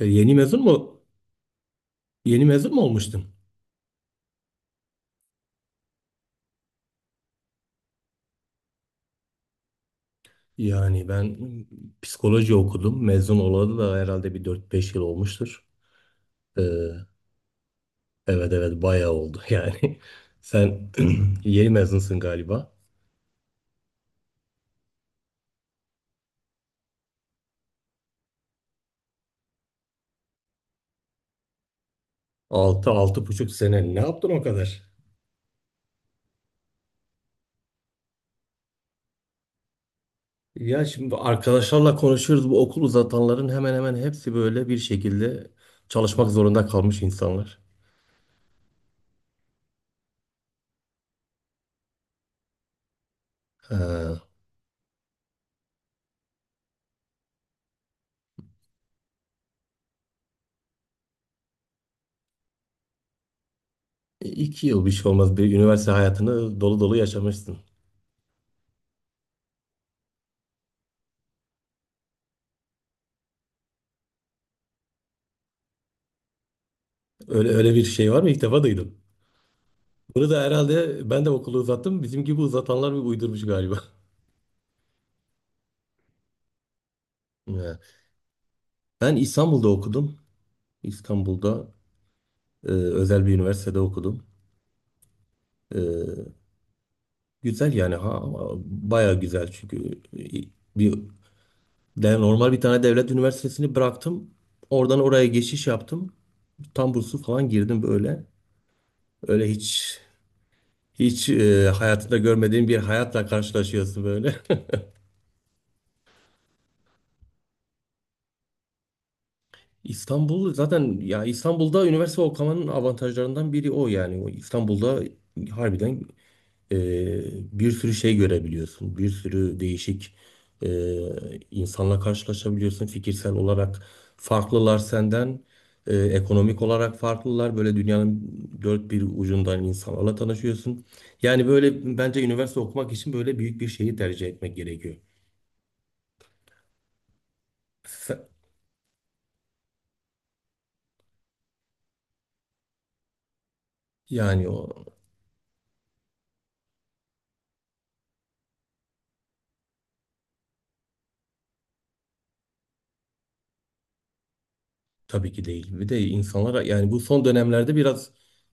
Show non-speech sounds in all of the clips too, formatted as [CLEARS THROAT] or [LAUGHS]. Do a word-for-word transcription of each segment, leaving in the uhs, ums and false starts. E, Yeni mezun mu? Yeni mezun mu olmuştun? Yani ben psikoloji okudum. Mezun olalı da herhalde bir dört beş yıl olmuştur. E, evet evet bayağı oldu [LAUGHS] yani. Sen [CLEARS THROAT] yeni mezunsun galiba. Altı altı buçuk sene ne yaptın o kadar? Ya şimdi arkadaşlarla konuşuyoruz. Bu okul uzatanların hemen hemen hepsi böyle bir şekilde çalışmak zorunda kalmış insanlar. Ha, iki yıl bir şey olmaz. Bir üniversite hayatını dolu dolu yaşamışsın. Öyle öyle bir şey var mı? İlk defa duydum. Bunu da herhalde ben de okulu uzattım. Bizim gibi uzatanlar bir uydurmuş galiba. [LAUGHS] Ya. Ben İstanbul'da okudum. İstanbul'da e, özel bir üniversitede okudum. E, Güzel yani ha baya güzel çünkü e, bir de normal bir tane devlet üniversitesini bıraktım. Oradan oraya geçiş yaptım. Tam burslu falan girdim böyle. Öyle hiç hiç e, hayatında görmediğim bir hayatla karşılaşıyorsun böyle. [LAUGHS] İstanbul zaten ya İstanbul'da üniversite okumanın avantajlarından biri o yani. O İstanbul'da harbiden e, bir sürü şey görebiliyorsun. Bir sürü değişik e, insanla karşılaşabiliyorsun. Fikirsel olarak farklılar senden. E, ekonomik olarak farklılar. Böyle dünyanın dört bir ucundan insanlarla tanışıyorsun. Yani böyle bence üniversite okumak için böyle büyük bir şeyi tercih etmek gerekiyor. Sen- Yani o Tabii ki değil. Bir de insanlara yani bu son dönemlerde biraz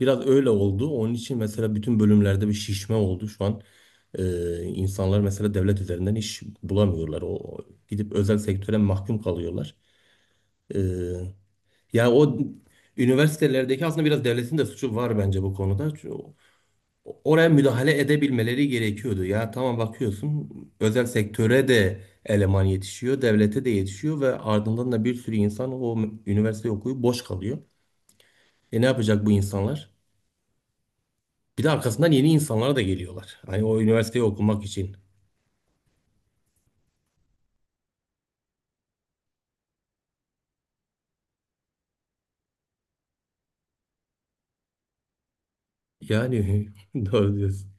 biraz öyle oldu. Onun için mesela bütün bölümlerde bir şişme oldu şu an. Ee, insanlar mesela devlet üzerinden iş bulamıyorlar. O gidip özel sektöre mahkum kalıyorlar. Ee, Yani o üniversitelerdeki aslında biraz devletin de suçu var bence bu konuda. Çünkü oraya müdahale edebilmeleri gerekiyordu. Ya tamam bakıyorsun özel sektöre de eleman yetişiyor, devlete de yetişiyor ve ardından da bir sürü insan o üniversite okuyup boş kalıyor. E ne yapacak bu insanlar? Bir de arkasından yeni insanlar da geliyorlar. Hani o üniversiteyi okumak için. Yani [LAUGHS] doğru diyorsun.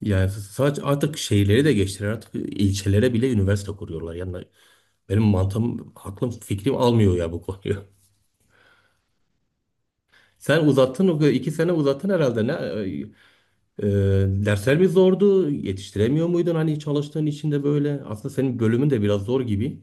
Yani sadece artık şehirleri de geçtiler. Artık e, ilçelere bile üniversite kuruyorlar. Yani benim mantığım, aklım, fikrim almıyor ya bu konuyu. [LAUGHS] Sen uzattın, o iki sene uzattın herhalde. Ne, e, e, Dersler mi zordu? Yetiştiremiyor muydun hani çalıştığın içinde böyle? Aslında senin bölümün de biraz zor gibi.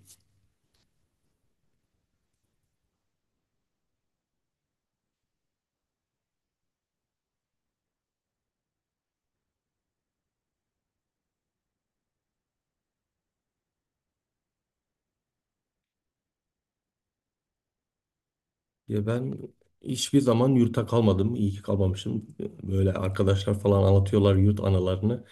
Ya ben hiçbir zaman yurtta kalmadım. İyi ki kalmamışım. Böyle arkadaşlar falan anlatıyorlar yurt anılarını.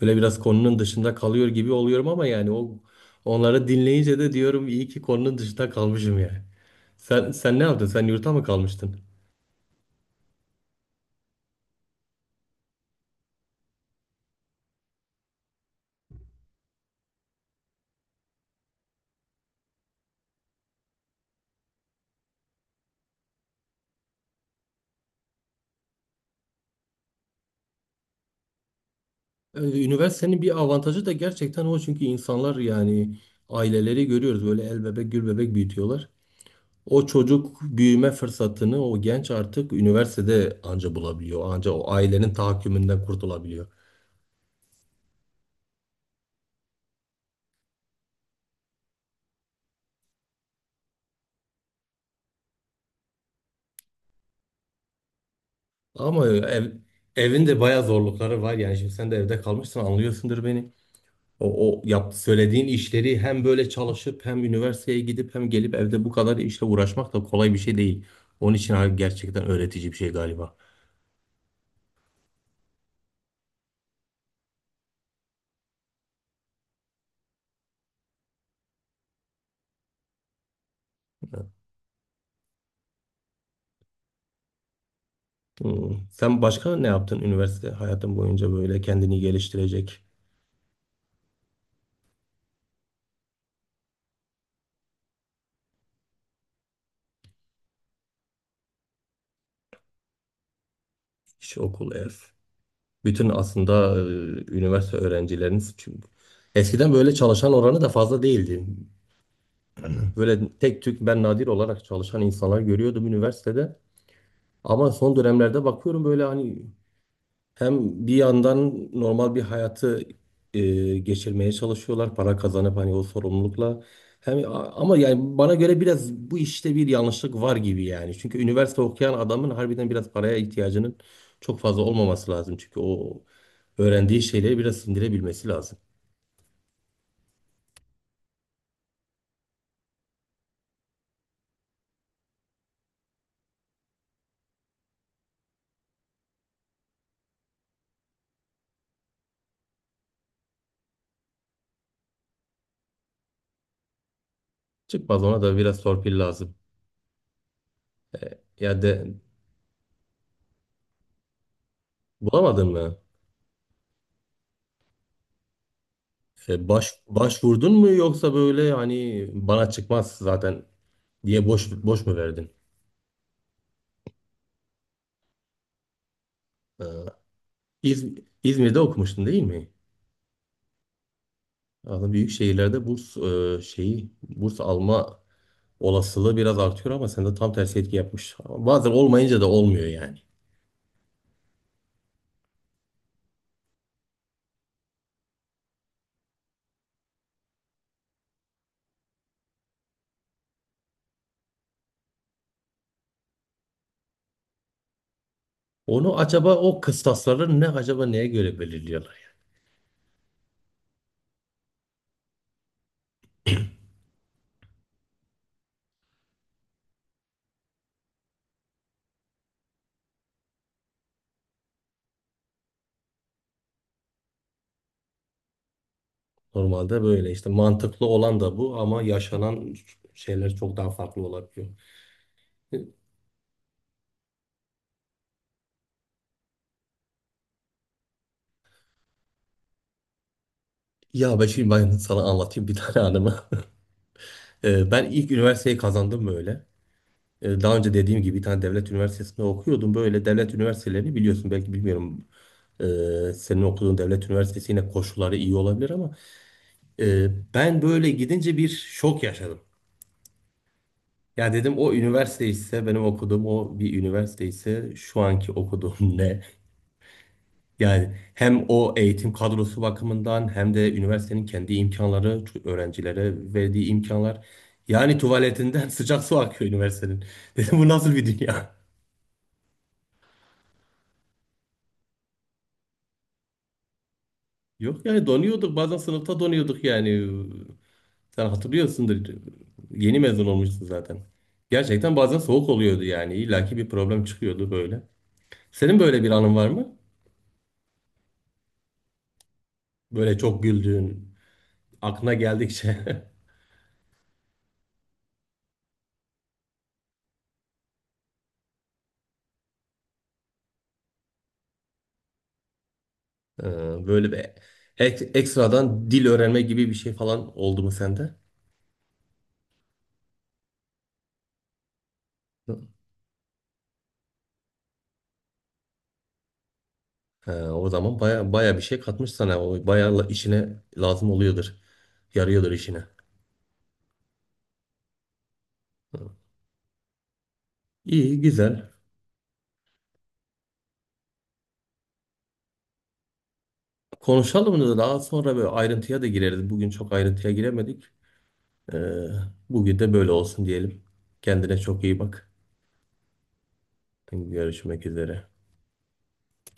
Böyle biraz konunun dışında kalıyor gibi oluyorum ama yani o onları dinleyince de diyorum iyi ki konunun dışında kalmışım yani. Sen sen ne yaptın? Sen yurtta mı kalmıştın? Ee, Üniversitenin bir avantajı da gerçekten o çünkü insanlar yani aileleri görüyoruz böyle el bebek gül bebek büyütüyorlar. O çocuk büyüme fırsatını o genç artık üniversitede anca bulabiliyor. Anca o ailenin tahakkümünden kurtulabiliyor. Ama ev, evin de bayağı zorlukları var. Yani şimdi sen de evde kalmışsın anlıyorsundur beni. O, o yap, söylediğin işleri hem böyle çalışıp hem üniversiteye gidip hem gelip evde bu kadar işle uğraşmak da kolay bir şey değil. Onun için abi gerçekten öğretici bir şey galiba. Hmm. Sen başka ne yaptın üniversite hayatın boyunca böyle kendini geliştirecek iş, okul, ev? Bütün aslında e, üniversite öğrencileriniz çünkü eskiden böyle çalışan oranı da fazla değildi. Böyle tek tük ben nadir olarak çalışan insanlar görüyordum üniversitede. Ama son dönemlerde bakıyorum böyle hani hem bir yandan normal bir hayatı e, geçirmeye çalışıyorlar para kazanıp hani o sorumlulukla. Hem a- ama yani bana göre biraz bu işte bir yanlışlık var gibi yani. Çünkü üniversite okuyan adamın harbiden biraz paraya ihtiyacının çok fazla olmaması lazım. Çünkü o öğrendiği şeyleri biraz sindirebilmesi lazım. Çıkmaz ona da biraz torpil lazım. Ya de bulamadın mı? E, baş, başvurdun mu yoksa böyle hani bana çıkmaz zaten diye boş boş mu verdin? E, İz, İzmir'de okumuştun değil mi? Aslında büyük şehirlerde burs e, şeyi burs alma olasılığı biraz artıyor ama sende tam tersi etki yapmış. Bazen olmayınca da olmuyor yani. Onu acaba o kıstasları ne acaba neye göre belirliyorlar yani? Normalde böyle işte mantıklı olan da bu ama yaşanan şeyler çok daha farklı olabiliyor. E, Ya ben şimdi ben sana anlatayım bir tane anımı. Ee, Ben ilk üniversiteyi kazandım böyle. Ee, Daha önce dediğim gibi bir tane devlet üniversitesinde okuyordum. Böyle devlet üniversitelerini biliyorsun belki bilmiyorum. Ee, senin okuduğun devlet üniversitesi yine koşulları iyi olabilir ama e, ben böyle gidince bir şok yaşadım. Ya dedim o üniversite ise benim okuduğum o bir üniversite ise şu anki okuduğum [LAUGHS] ne? Yani hem o eğitim kadrosu bakımından hem de üniversitenin kendi imkanları, ç- öğrencilere verdiği imkanlar. Yani tuvaletinden [LAUGHS] sıcak su akıyor üniversitenin. [LAUGHS] Dedim bu nasıl bir dünya? Yok yani donuyorduk bazen sınıfta donuyorduk yani. Sen hatırlıyorsundur. Yeni mezun olmuşsun zaten. Gerçekten bazen soğuk oluyordu yani. İllaki bir problem çıkıyordu böyle. Senin böyle bir anın var mı? Böyle çok güldüğün, aklına geldikçe. [LAUGHS] Ee, Böyle bir ek- ekstradan dil öğrenme gibi bir şey falan oldu mu sende? Ee, o zaman baya baya bir şey katmış sana. O baya la- işine lazım oluyordur. Yarıyordur işine. İyi güzel. Konuşalım da daha sonra böyle ayrıntıya da gireriz. Bugün çok ayrıntıya giremedik. Ee, Bugün de böyle olsun diyelim. Kendine çok iyi bak. Görüşmek üzere.